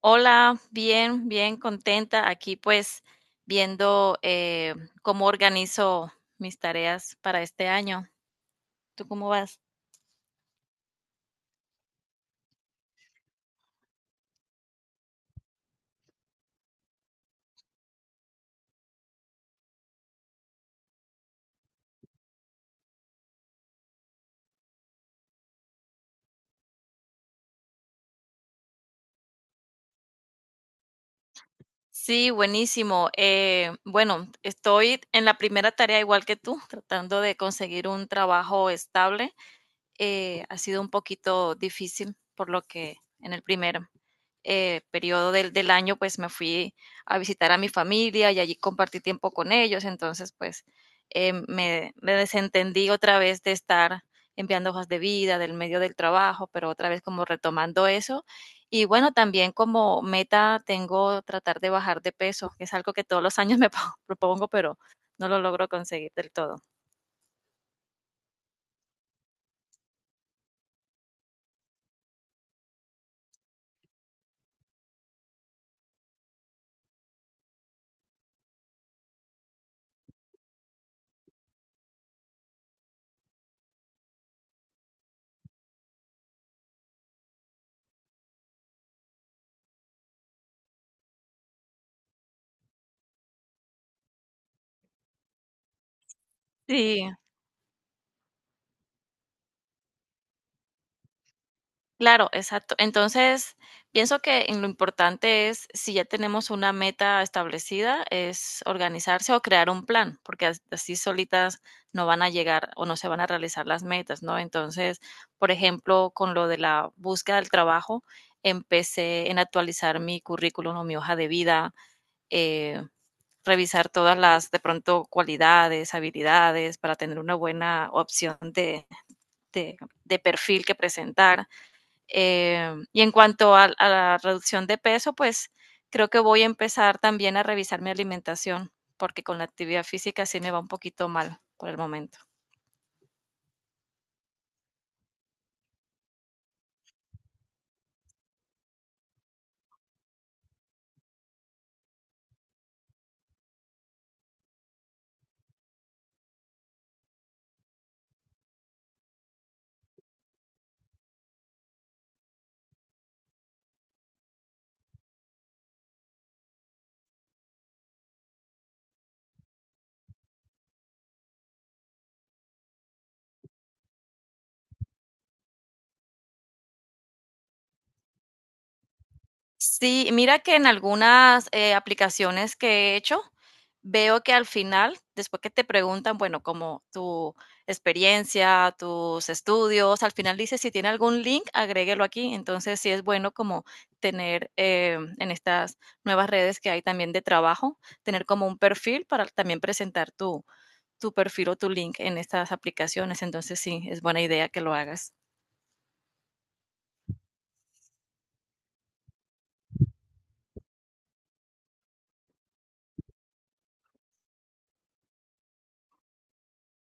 Hola, bien, bien contenta. Aquí pues viendo cómo organizo mis tareas para este año. ¿Tú cómo vas? Sí, buenísimo. Bueno, estoy en la primera tarea igual que tú, tratando de conseguir un trabajo estable. Ha sido un poquito difícil, por lo que en el primer periodo del año, pues me fui a visitar a mi familia y allí compartí tiempo con ellos. Entonces, pues me desentendí otra vez de estar enviando hojas de vida, del medio del trabajo, pero otra vez como retomando eso. Y bueno, también como meta tengo tratar de bajar de peso, que es algo que todos los años me propongo, pero no lo logro conseguir del todo. Sí, claro, exacto. Entonces, pienso que en lo importante es, si ya tenemos una meta establecida, es organizarse o crear un plan, porque así solitas no van a llegar o no se van a realizar las metas, ¿no? Entonces, por ejemplo, con lo de la búsqueda del trabajo, empecé en actualizar mi currículum o mi hoja de vida, eh, revisar todas las, de pronto, cualidades, habilidades para tener una buena opción de de perfil que presentar, y en cuanto a la reducción de peso, pues creo que voy a empezar también a revisar mi alimentación, porque con la actividad física sí me va un poquito mal por el momento. Sí, mira que en algunas, aplicaciones que he hecho, veo que al final, después que te preguntan, bueno, como tu experiencia, tus estudios, al final dice, si tiene algún link, agréguelo aquí. Entonces, sí es bueno como tener, en estas nuevas redes que hay también de trabajo, tener como un perfil para también presentar tu perfil o tu link en estas aplicaciones. Entonces, sí, es buena idea que lo hagas.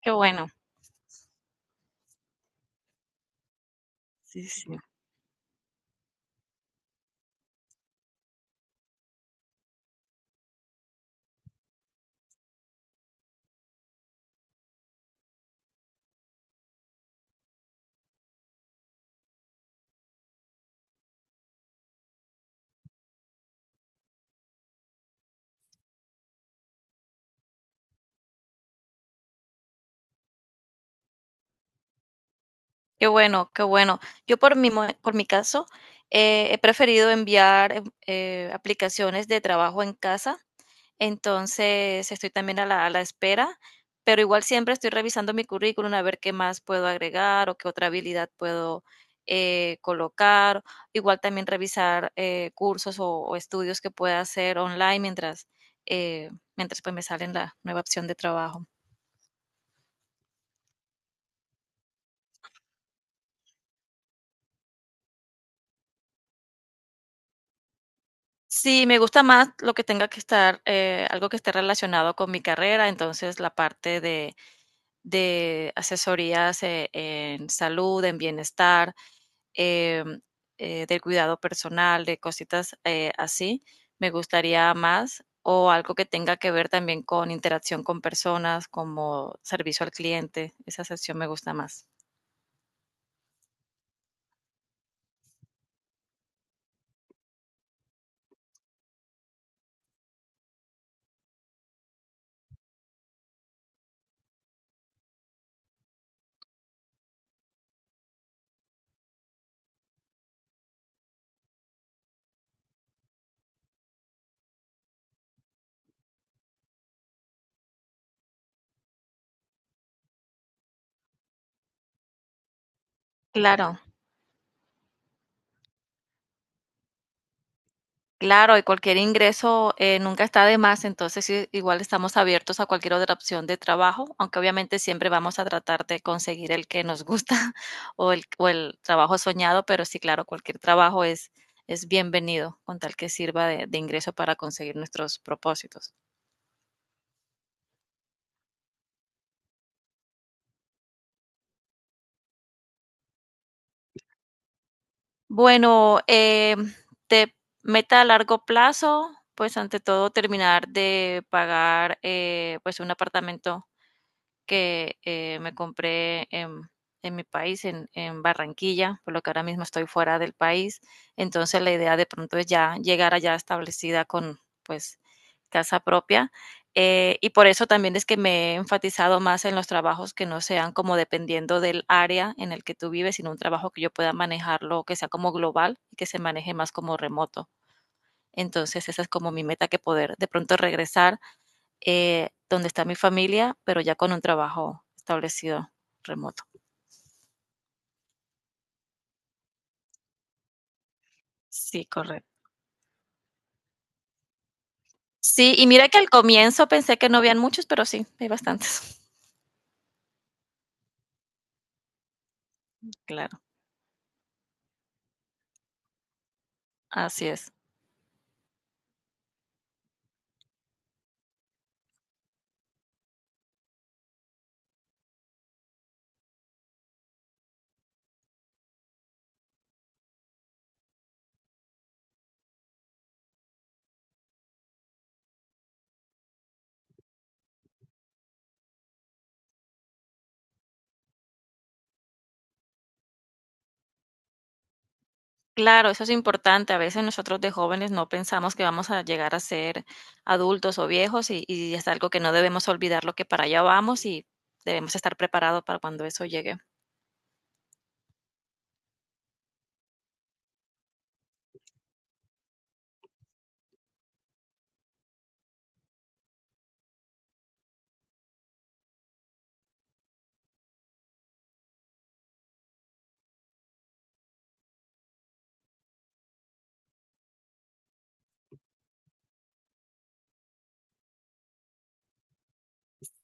Qué bueno. Sí, sí. Qué bueno, qué bueno. Yo por mi caso, he preferido enviar aplicaciones de trabajo en casa, entonces estoy también a la espera, pero igual siempre estoy revisando mi currículum a ver qué más puedo agregar o qué otra habilidad puedo colocar. Igual también revisar cursos o estudios que pueda hacer online mientras, eh, mientras pues me sale la nueva opción de trabajo. Sí, me gusta más lo que tenga que estar, algo que esté relacionado con mi carrera, entonces la parte de asesorías en salud, en bienestar, em, del cuidado personal, de cositas así, me gustaría más, o algo que tenga que ver también con interacción con personas, como servicio al cliente, esa sección me gusta más. Claro. Claro, y cualquier ingreso nunca está de más, entonces sí, igual estamos abiertos a cualquier otra opción de trabajo, aunque obviamente siempre vamos a tratar de conseguir el que nos gusta o el trabajo soñado, pero sí, claro, cualquier trabajo es bienvenido con tal que sirva de ingreso para conseguir nuestros propósitos. Bueno, de meta a largo plazo, pues ante todo terminar de pagar pues un apartamento que me compré en, en mi país, en Barranquilla, por lo que ahora mismo estoy fuera del país. Entonces la idea de pronto es ya llegar allá establecida con pues casa propia. Y por eso también es que me he enfatizado más en los trabajos que no sean como dependiendo del área en el que tú vives, sino un trabajo que yo pueda manejarlo, que sea como global y que se maneje más como remoto. Entonces esa es como mi meta que poder de pronto regresar donde está mi familia, pero ya con un trabajo establecido remoto. Sí, correcto. Sí, y mira que al comienzo pensé que no habían muchos, pero sí, hay bastantes. Claro, así es. Claro, eso es importante. A veces nosotros de jóvenes no pensamos que vamos a llegar a ser adultos o viejos y es algo que no debemos olvidar lo que para allá vamos y debemos estar preparados para cuando eso llegue.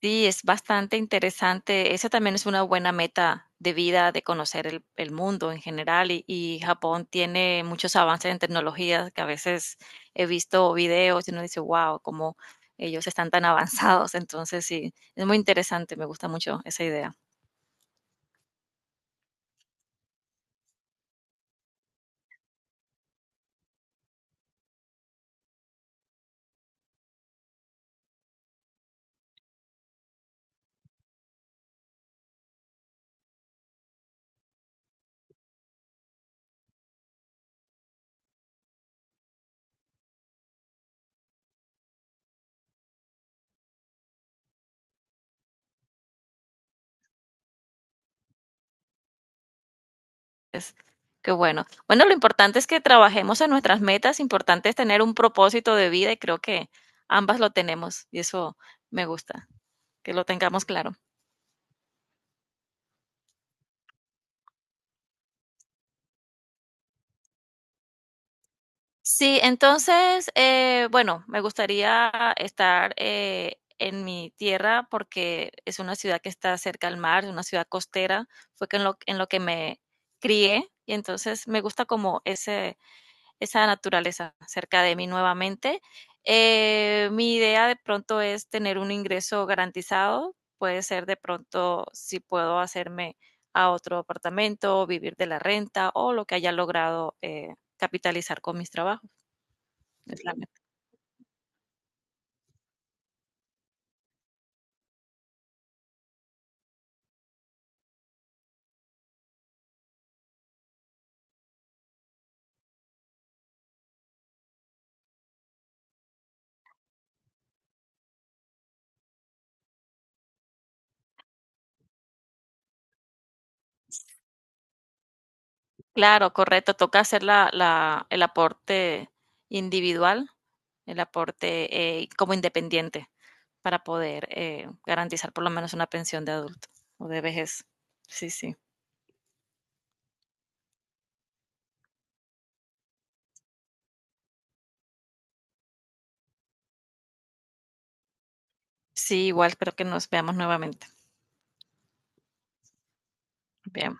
Sí, es bastante interesante. Esa también es una buena meta de vida, de conocer el mundo en general. Y Japón tiene muchos avances en tecnología que a veces he visto videos y uno dice, wow, cómo ellos están tan avanzados. Entonces, sí, es muy interesante. Me gusta mucho esa idea. Es, qué bueno. Bueno, lo importante es que trabajemos en nuestras metas. Importante es tener un propósito de vida y creo que ambas lo tenemos y eso me gusta, que lo tengamos claro. Sí, entonces, bueno, me gustaría estar en mi tierra porque es una ciudad que está cerca al mar, es una ciudad costera, fue que en lo que me crié y entonces me gusta como ese, esa naturaleza cerca de mí nuevamente. Mi idea de pronto es tener un ingreso garantizado, puede ser de pronto si puedo hacerme a otro apartamento, vivir de la renta o lo que haya logrado capitalizar con mis trabajos. Es la meta. Claro, correcto. Toca hacer el aporte individual, el aporte como independiente para poder garantizar por lo menos una pensión de adulto o de vejez. Sí, sí. Sí, igual espero que nos veamos nuevamente. Bien.